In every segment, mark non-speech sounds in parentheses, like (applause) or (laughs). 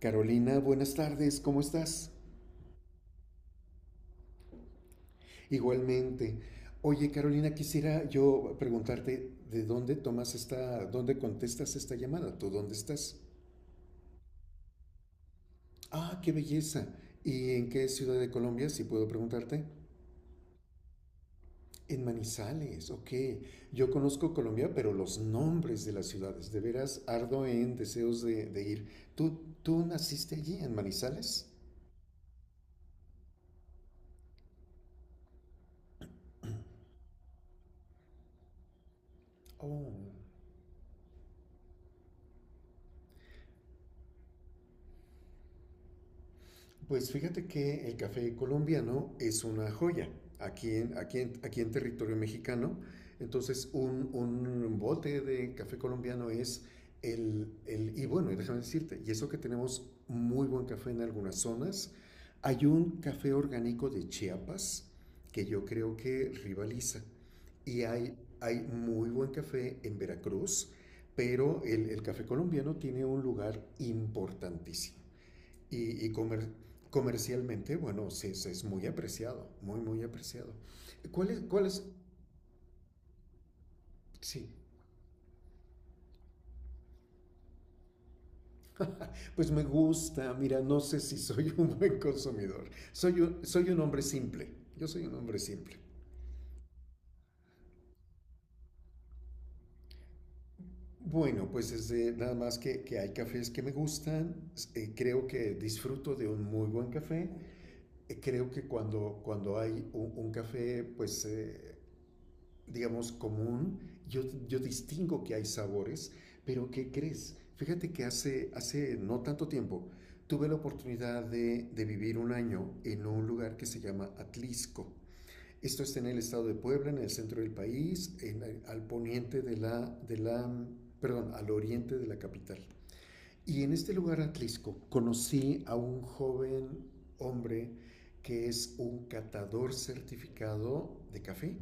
Carolina, buenas tardes, ¿cómo estás? Igualmente. Oye, Carolina, quisiera yo preguntarte de dónde tomas dónde contestas esta llamada, ¿tú dónde estás? Ah, qué belleza. ¿Y en qué ciudad de Colombia, si puedo preguntarte? En Manizales, ok. Yo conozco Colombia, pero los nombres de las ciudades, de veras ardo en deseos de ir. ¿Tú naciste allí, en Manizales? Oh. Pues fíjate que el café colombiano es una joya aquí en territorio mexicano. Entonces, un bote de café colombiano es el. Y bueno, y déjame decirte, y eso que tenemos muy buen café en algunas zonas. Hay un café orgánico de Chiapas que yo creo que rivaliza. Y hay muy buen café en Veracruz, pero el café colombiano tiene un lugar importantísimo y comercialmente, bueno, sí, es, muy apreciado, muy, muy apreciado. ¿Cuál es? Sí, pues me gusta, mira, no sé si soy (laughs) un buen consumidor, soy un hombre simple, yo soy un hombre simple. Bueno, pues nada más que, hay cafés que me gustan, creo que disfruto de un muy buen café, creo que cuando hay un café, pues, digamos, común. Yo, yo distingo que hay sabores, pero ¿qué crees? Fíjate que hace no tanto tiempo tuve la oportunidad de vivir un año en un lugar que se llama Atlisco. Esto está en el estado de Puebla, en el centro del país, al poniente de la, perdón, al oriente de la capital. Y en este lugar, Atlisco, conocí a un joven hombre que es un catador certificado de café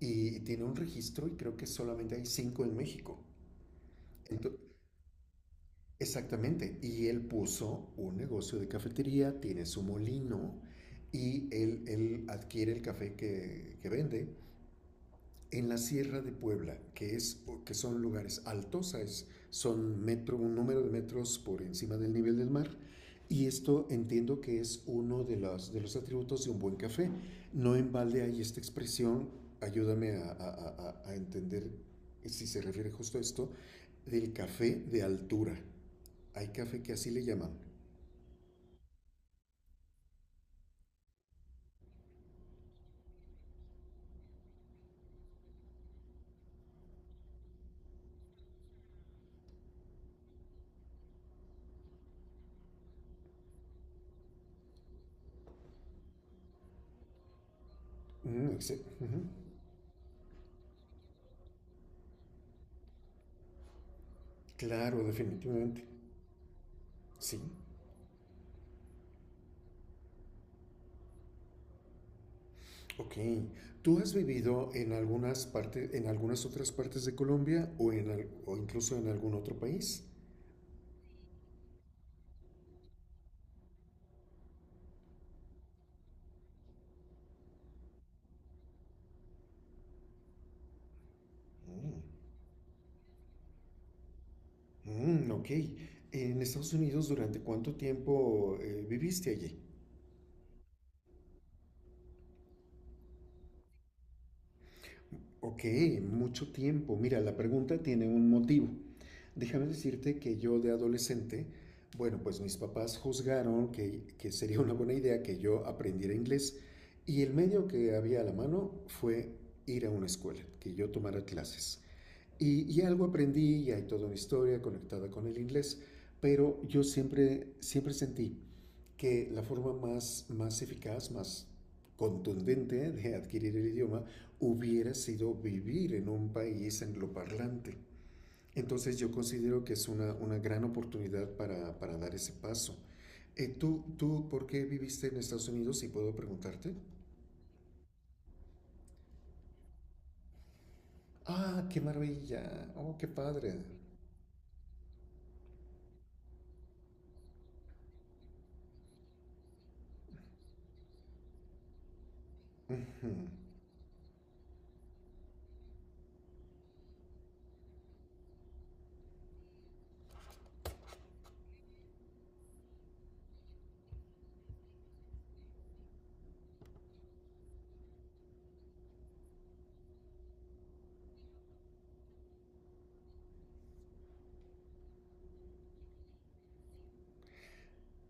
y tiene un registro y creo que solamente hay cinco en México. Ento- Exactamente. Y él puso un negocio de cafetería, tiene su molino y él adquiere el café que vende en la Sierra de Puebla, que son lugares altos, son un número de metros por encima del nivel del mar, y esto entiendo que es uno de los atributos de un buen café. No en balde hay esta expresión, ayúdame a entender si se refiere justo a esto, del café de altura. Hay café que así le llaman. Mm, ujú. Claro, definitivamente. Sí. Ok. ¿Tú has vivido en algunas partes, en algunas otras partes de Colombia o o incluso en algún otro país? Mm, mm, ok. En Estados Unidos, ¿durante cuánto tiempo viviste allí? Ok, mucho tiempo. Mira, la pregunta tiene un motivo. Déjame decirte que yo de adolescente, bueno, pues mis papás juzgaron que sería una buena idea que yo aprendiera inglés y el medio que había a la mano fue ir a una escuela, que yo tomara clases. Y algo aprendí y hay toda una historia conectada con el inglés, pero yo siempre, siempre sentí que la forma más, más eficaz, más contundente de adquirir el idioma hubiera sido vivir en un país angloparlante. Entonces yo considero que es una gran oportunidad para dar ese paso. ¿Tú por qué viviste en Estados Unidos? Si puedo preguntarte. Ah, qué maravilla. Oh, qué padre.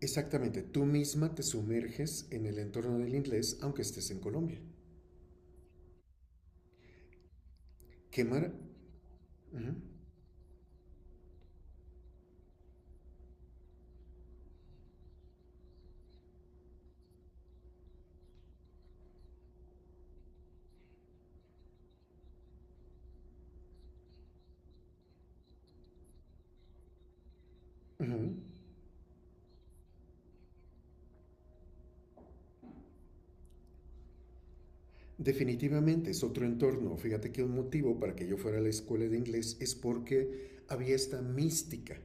Exactamente, tú misma te sumerges en el entorno del inglés aunque estés en Colombia. Quemar... Definitivamente es otro entorno. Fíjate que un motivo para que yo fuera a la escuela de inglés es porque había esta mística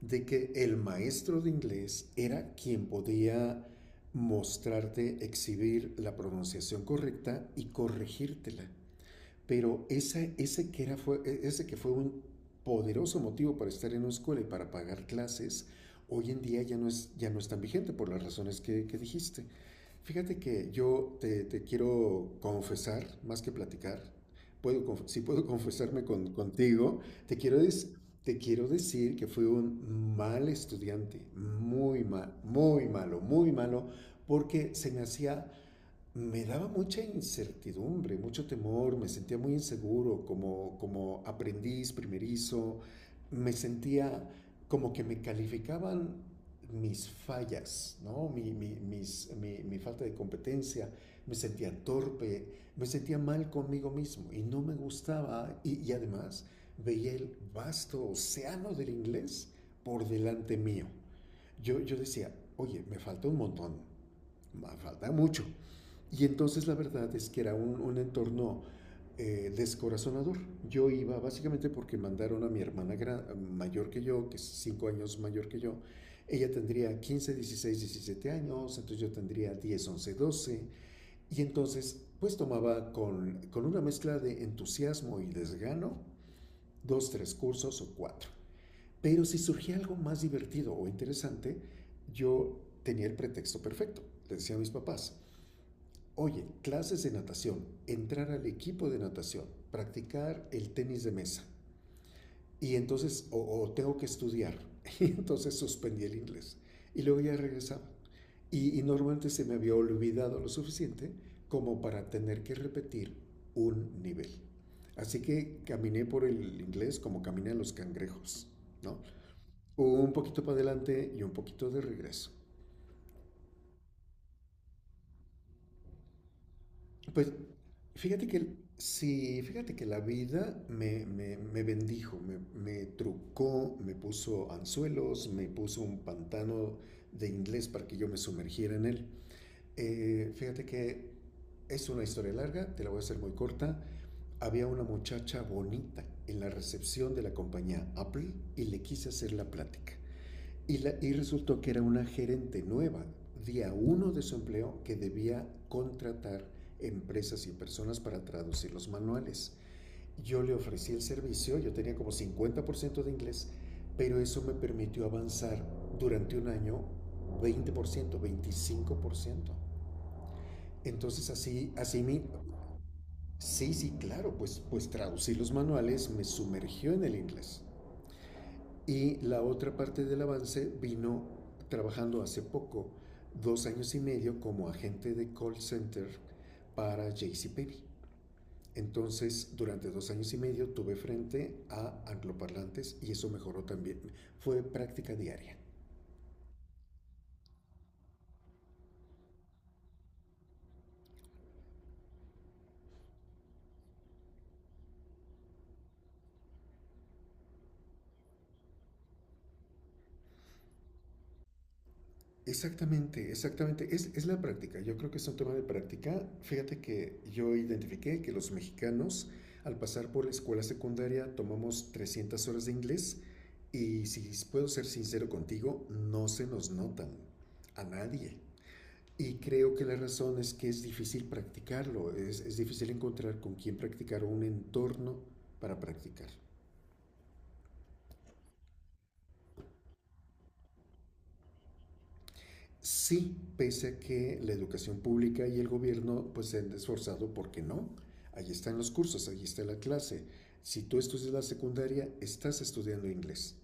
de que el maestro de inglés era quien podía mostrarte, exhibir la pronunciación correcta y corregírtela. Pero ese, que era fue, e, ese que fue un poderoso motivo para estar en una escuela y para pagar clases, hoy en día ya no es tan vigente por las razones que dijiste. Fíjate que yo te quiero confesar, más que platicar, si puedo (laughs) confesarme contigo, te quiero, des- te quiero decir que fui un mal estudiante, muy mal, muy malo, porque se me hacía me daba mucha incertidumbre, mucho temor, me sentía muy inseguro como aprendiz primerizo, me sentía como que me calificaban mis fallas, ¿no? Mi falta de competencia, me sentía torpe, me sentía mal conmigo mismo y no me gustaba y además veía el vasto océano del inglés por delante mío. Yo decía, oye, me falta un montón, me falta mucho, y entonces la verdad es que era un entorno descorazonador. Yo iba básicamente porque mandaron a mi hermana mayor que yo, que es 5 años mayor que yo. Ella tendría 15 16 17 años, entonces yo tendría 10 11 12. Y entonces pues tomaba con una mezcla de entusiasmo y desgano dos, tres cursos o cuatro. Pero si surgía algo más divertido o interesante, yo tenía el pretexto perfecto. Le decía a mis papás, oye, clases de natación, entrar al equipo de natación, practicar el tenis de mesa. Y entonces, o tengo que estudiar. (laughs) Y entonces suspendí el inglés. Y luego ya regresaba. Y normalmente se me había olvidado lo suficiente como para tener que repetir un nivel. Así que caminé por el inglés como caminan los cangrejos, ¿no? Un poquito para adelante y un poquito de regreso. Pues fíjate que, sí, fíjate que la vida me bendijo, me trucó, me puso anzuelos, me puso un pantano de inglés para que yo me sumergiera en él. Fíjate que es una historia larga, te la voy a hacer muy corta. Había una muchacha bonita en la recepción de la compañía Apple y le quise hacer la plática. Y resultó que era una gerente nueva, día uno de su empleo, que debía contratar empresas y personas para traducir los manuales. Yo le ofrecí el servicio, yo tenía como 50% de inglés, pero eso me permitió avanzar durante un año 20% 25%. Entonces así, así mi... Sí, sí, claro, pues, traducir los manuales me sumergió en el inglés. Y la otra parte del avance vino trabajando hace poco, 2 años y medio, como agente de call center para JCPenney. Entonces, durante 2 años y medio tuve frente a angloparlantes y eso mejoró también. Fue práctica diaria. Exactamente, exactamente. Es la práctica. Yo creo que es un tema de práctica. Fíjate que yo identifiqué que los mexicanos, al pasar por la escuela secundaria, tomamos 300 horas de inglés. Y si puedo ser sincero contigo, no se nos notan a nadie. Y creo que la razón es que es difícil practicarlo, es difícil encontrar con quién practicar o un entorno para practicar. Sí, pese a que la educación pública y el gobierno pues se han esforzado, ¿por qué no? Allí están los cursos, allí está la clase. Si tú estudias la secundaria, estás estudiando inglés.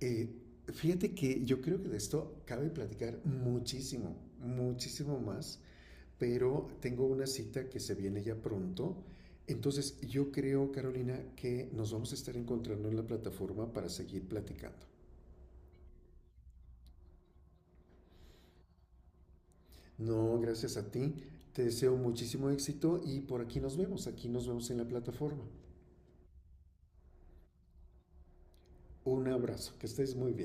Eh, fíjate que yo creo que de esto cabe platicar muchísimo, muchísimo más, pero tengo una cita que se viene ya pronto. Entonces, yo creo, Carolina, que nos vamos a estar encontrando en la plataforma para seguir platicando. No, gracias a ti. Te deseo muchísimo éxito y por aquí nos vemos. Aquí nos vemos en la plataforma. Un abrazo. Que estés muy bien.